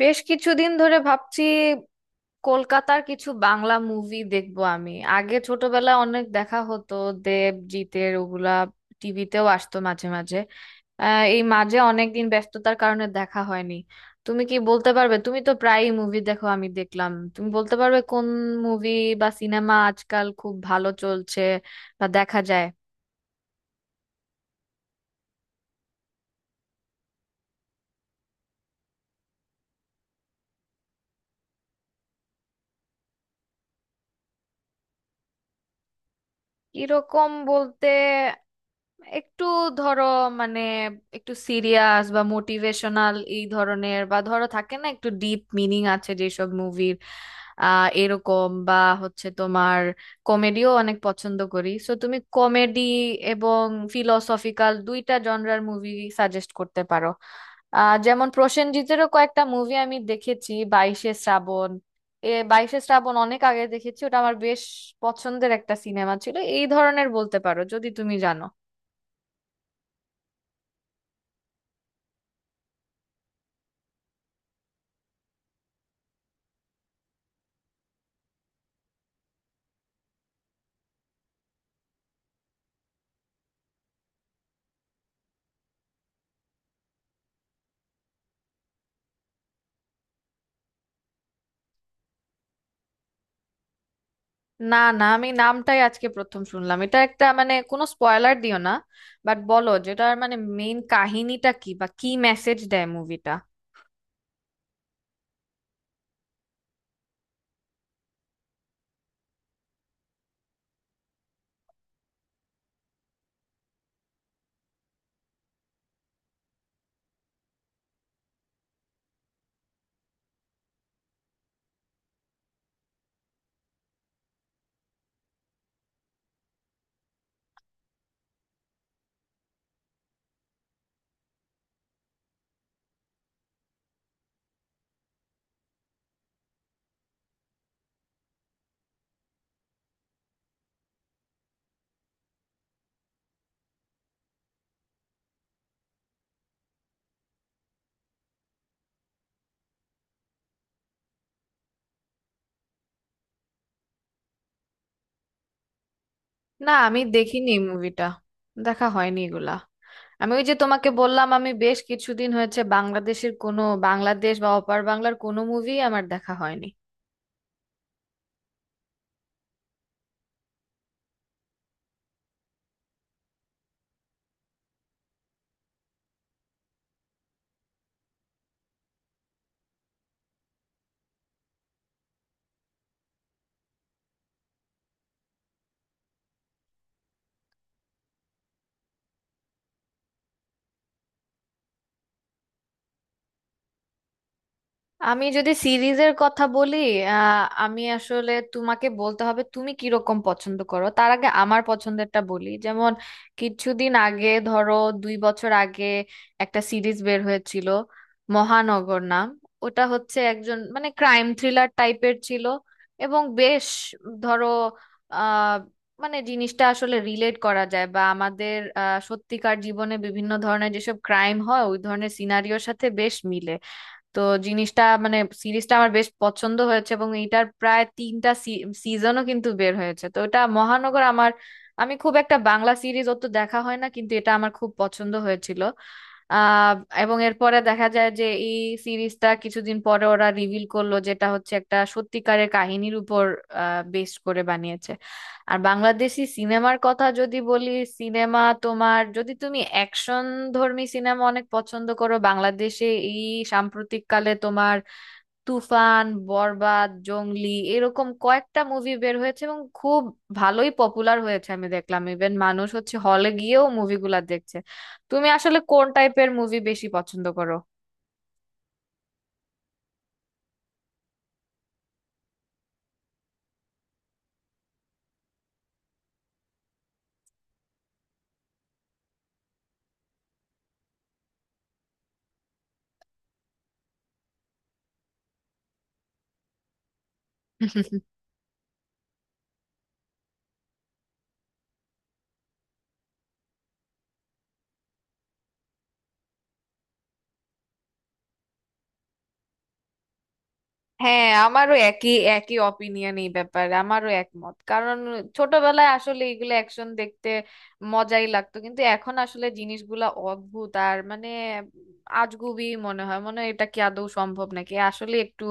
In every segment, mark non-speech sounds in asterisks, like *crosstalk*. বেশ কিছুদিন ধরে ভাবছি, কলকাতার কিছু বাংলা মুভি দেখবো আমি। আগে ছোটবেলায় অনেক দেখা হতো, দেব জিতের ওগুলা। টিভিতেও আসতো মাঝে মাঝে। এই মাঝে অনেকদিন ব্যস্ততার কারণে দেখা হয়নি। তুমি কি বলতে পারবে? তুমি তো প্রায়ই মুভি দেখো, আমি দেখলাম। তুমি বলতে পারবে কোন মুভি বা সিনেমা আজকাল খুব ভালো চলছে বা দেখা যায়? এরকম বলতে একটু, ধরো, মানে, একটু সিরিয়াস বা মোটিভেশনাল এই ধরনের, বা ধরো থাকে না একটু ডিপ মিনিং আছে যেসব মুভির, এরকম, বা হচ্ছে তোমার কমেডিও অনেক পছন্দ করি। সো তুমি কমেডি এবং ফিলোসফিক্যাল দুইটা জনরার মুভি সাজেস্ট করতে পারো? যেমন প্রসেনজিতেরও কয়েকটা মুভি আমি দেখেছি। বাইশে শ্রাবণ, এ বাইশে শ্রাবণ অনেক আগে দেখেছি, ওটা আমার বেশ পছন্দের একটা সিনেমা ছিল। এই ধরনের বলতে পারো যদি তুমি জানো। না না, আমি নামটাই আজকে প্রথম শুনলাম। এটা একটা, মানে, কোনো স্পয়লার দিও না, বাট বলো যেটার মানে মেইন কাহিনীটা কি বা কি মেসেজ দেয় মুভিটা। না, আমি দেখিনি মুভিটা, দেখা হয়নি এগুলা। আমি ওই যে তোমাকে বললাম, আমি বেশ কিছুদিন হয়েছে বাংলাদেশের কোনো, বাংলাদেশ বা অপার বাংলার কোনো মুভি আমার দেখা হয়নি। আমি যদি সিরিজের কথা বলি, আমি আসলে তোমাকে বলতে হবে তুমি কিরকম পছন্দ করো। তার আগে আমার পছন্দেরটা বলি। যেমন কিছুদিন আগে, ধরো, 2 বছর আগে একটা সিরিজ বের হয়েছিল, মহানগর নাম। ওটা হচ্ছে একজন, মানে, ক্রাইম থ্রিলার টাইপের ছিল। এবং বেশ, ধরো, আহ মানে জিনিসটা আসলে রিলেট করা যায় বা আমাদের সত্যিকার জীবনে বিভিন্ন ধরনের যেসব ক্রাইম হয় ওই ধরনের সিনারিওর সাথে বেশ মিলে। তো জিনিসটা, মানে, সিরিজটা আমার বেশ পছন্দ হয়েছে এবং এটার প্রায় তিনটা সিজনও কিন্তু বের হয়েছে। তো এটা মহানগর, আমার, আমি খুব একটা বাংলা সিরিজ অত দেখা হয় না কিন্তু এটা আমার খুব পছন্দ হয়েছিল। আহ এবং এরপরে দেখা যায় যে এই সিরিজটা কিছুদিন পরে ওরা রিভিল করলো যেটা হচ্ছে একটা সত্যিকারের কাহিনীর উপর বেস করে বানিয়েছে। আর বাংলাদেশি সিনেমার কথা যদি বলি, সিনেমা, তোমার যদি তুমি অ্যাকশন ধর্মী সিনেমা অনেক পছন্দ করো, বাংলাদেশে এই সাম্প্রতিককালে তোমার তুফান, বরবাদ, জংলি এরকম কয়েকটা মুভি বের হয়েছে এবং খুব ভালোই পপুলার হয়েছে। আমি দেখলাম ইভেন মানুষ হচ্ছে হলে গিয়েও মুভিগুলা দেখছে। তুমি আসলে কোন টাইপের মুভি বেশি পছন্দ করো? *laughs* হ্যাঁ, আমারও একই একই অপিনিয়ন এই ব্যাপারে, আমারও একমত। কারণ ছোটবেলায় আসলে এগুলো অ্যাকশন দেখতে মজাই লাগতো, কিন্তু এখন আসলে জিনিসগুলা অদ্ভুত আর, মানে, আজগুবি মনে হয় এটা কি আদৌ সম্ভব নাকি? আসলে একটু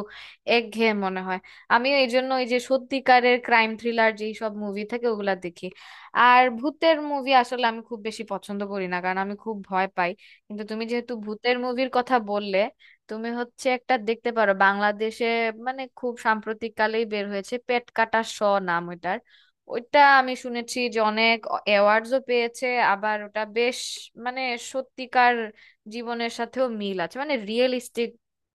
একঘেয়ে মনে হয়। আমিও এই জন্য ওই যে সত্যিকারের ক্রাইম থ্রিলার যেই সব মুভি থাকে ওগুলা দেখি। আর ভূতের মুভি আসলে আমি খুব বেশি পছন্দ করি না, কারণ আমি খুব ভয় পাই। কিন্তু তুমি যেহেতু ভূতের মুভির কথা বললে, তুমি হচ্ছে একটা দেখতে পারো। বাংলাদেশে মানে খুব সাম্প্রতিক কালেই বের হয়েছে পেট কাটা শ নাম ওইটার। ওইটা আমি শুনেছি যে অনেক অ্যাওয়ার্ডসও পেয়েছে। আবার ওটা বেশ, মানে, সত্যিকার জীবনের সাথেও মিল আছে, মানে, রিয়েলিস্টিক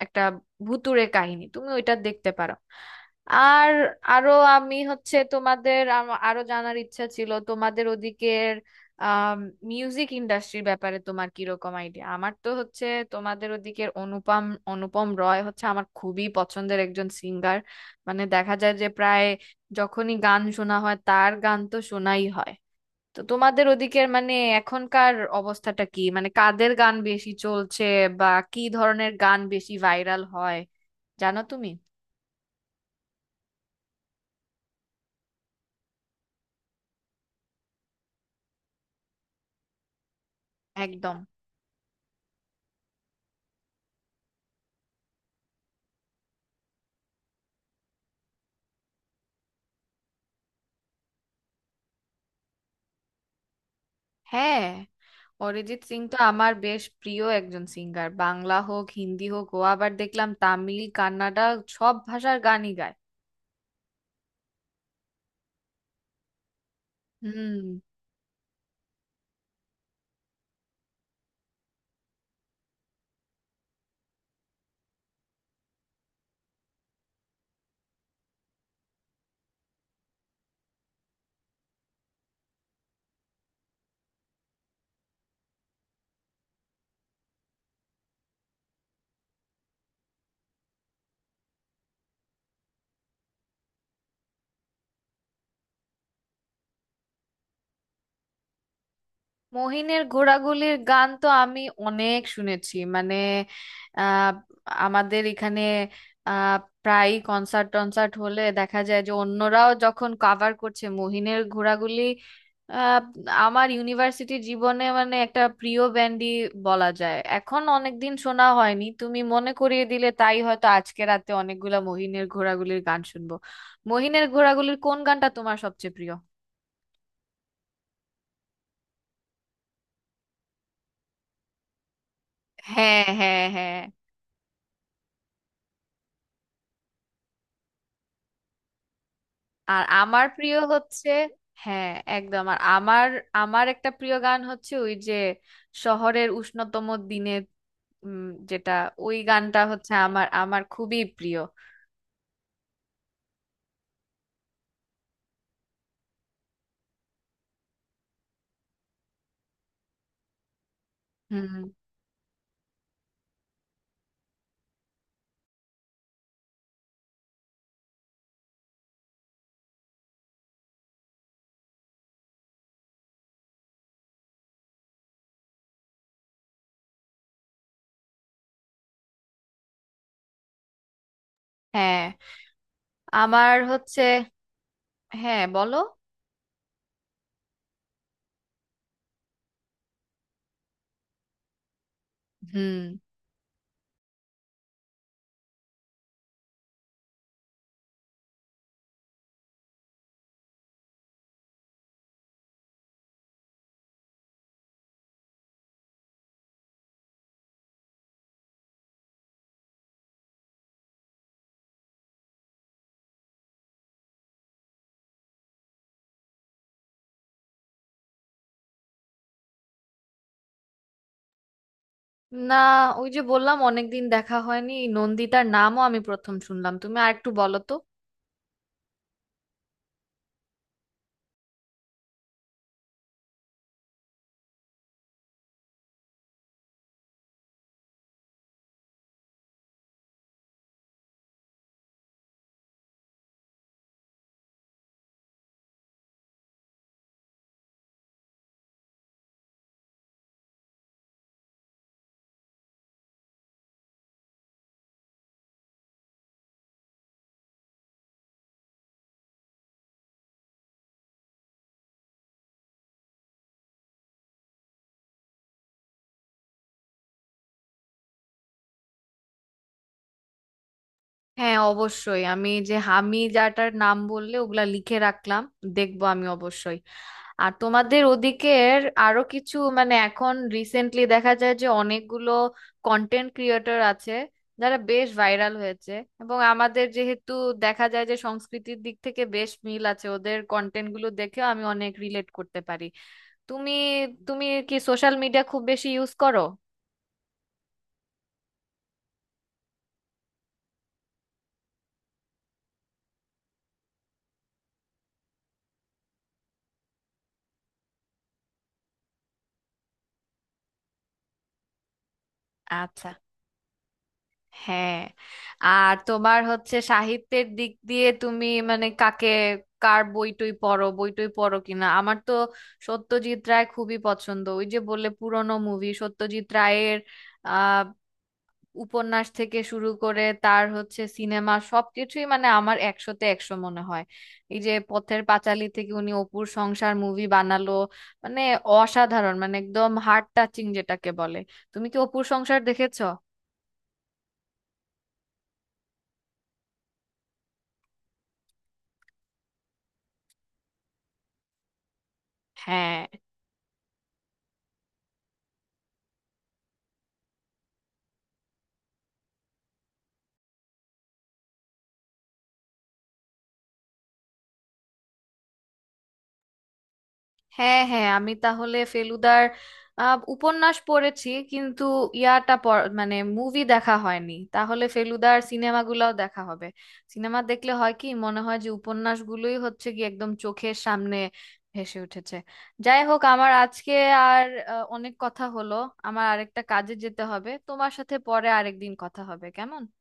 একটা ভুতুড়ে কাহিনী। তুমি ওইটা দেখতে পারো। আর আরো, আমি হচ্ছে তোমাদের আরো জানার ইচ্ছা ছিল তোমাদের ওদিকের মিউজিক ইন্ডাস্ট্রির ব্যাপারে, তোমার কিরকম আইডিয়া। আমার তো হচ্ছে তোমাদের ওদিকের অনুপম অনুপম রয় হচ্ছে আমার খুবই পছন্দের একজন সিঙ্গার। মানে দেখা যায় যে প্রায় যখনই গান শোনা হয় তার গান তো শোনাই হয়। তো তোমাদের ওদিকের, মানে, এখনকার অবস্থাটা কি? মানে কাদের গান বেশি চলছে বা কি ধরনের গান বেশি ভাইরাল হয়, জানো তুমি? একদম। হ্যাঁ, অরিজিৎ সিং তো আমার বেশ প্রিয় একজন সিঙ্গার। বাংলা হোক, হিন্দি হোক, ও আবার দেখলাম তামিল, কান্নাডা সব ভাষার গানই গায়। হুম। মহিনের ঘোড়াগুলির গান তো আমি অনেক শুনেছি, মানে, আহ, আমাদের এখানে আহ, প্রায়ই কনসার্ট টনসার্ট হলে দেখা যায় যে অন্যরাও যখন কভার করছে মহিনের ঘোড়াগুলি। আহ, আমার ইউনিভার্সিটি জীবনে মানে একটা প্রিয় ব্যান্ডই বলা যায়। এখন অনেকদিন শোনা হয়নি, তুমি মনে করিয়ে দিলে, তাই হয়তো আজকে রাতে অনেকগুলা মহিনের ঘোড়াগুলির গান শুনবো। মহিনের ঘোড়াগুলির কোন গানটা তোমার সবচেয়ে প্রিয়? হ্যাঁ, হ্যাঁ, হ্যাঁ। আর আমার প্রিয় হচ্ছে, হ্যাঁ, একদম। আর আমার আমার একটা প্রিয় গান হচ্ছে ওই যে শহরের উষ্ণতম দিনে, উম, যেটা, ওই গানটা হচ্ছে আমার আমার খুবই প্রিয়। হুম। হ্যাঁ। আমার হচ্ছে, হ্যাঁ, বলো। হুম। না, ওই যে বললাম অনেকদিন দেখা হয়নি। নন্দিতার নামও আমি প্রথম শুনলাম, তুমি আর একটু বলো তো। হ্যাঁ, অবশ্যই। আমি যে আমি যাটার নাম বললে ওগুলা লিখে রাখলাম, দেখবো আমি অবশ্যই। আর তোমাদের ওদিকের আরো কিছু, মানে, এখন রিসেন্টলি দেখা যায় যে অনেকগুলো কন্টেন্ট ক্রিয়েটর আছে যারা বেশ ভাইরাল হয়েছে। এবং আমাদের যেহেতু দেখা যায় যে সংস্কৃতির দিক থেকে বেশ মিল আছে, ওদের কন্টেন্ট গুলো দেখেও আমি অনেক রিলেট করতে পারি। তুমি তুমি কি সোশ্যাল মিডিয়া খুব বেশি ইউজ করো? আচ্ছা। হ্যাঁ। আর তোমার হচ্ছে সাহিত্যের দিক দিয়ে তুমি, মানে, কাকে, কার বই টই পড়ো? বই টই পড়ো কিনা? আমার তো সত্যজিৎ রায় খুবই পছন্দ। ওই যে বললে পুরনো মুভি, সত্যজিৎ রায়ের আহ উপন্যাস থেকে শুরু করে তার হচ্ছে সিনেমা সবকিছুই, মানে, আমার একশোতে একশো মনে হয়। এই যে পথের পাঁচালী থেকে উনি অপুর সংসার মুভি বানালো, মানে, অসাধারণ, মানে, একদম হার্ট টাচিং যেটাকে বলে। তুমি কি অপুর সংসার দেখেছো? হ্যাঁ, হ্যাঁ, হ্যাঁ, আমি তাহলে ফেলুদার উপন্যাস পড়েছি কিন্তু মানে মুভি দেখা হয়নি। তাহলে ফেলুদার সিনেমাগুলোও দেখা হবে। সিনেমা দেখলে হয় কি, মনে হয় যে উপন্যাসগুলোই হচ্ছে কি একদম চোখের সামনে ভেসে উঠেছে। যাই হোক, আমার আজকে আর অনেক কথা হলো, আমার আরেকটা কাজে যেতে হবে। তোমার সাথে পরে আরেকদিন কথা হবে, কেমন?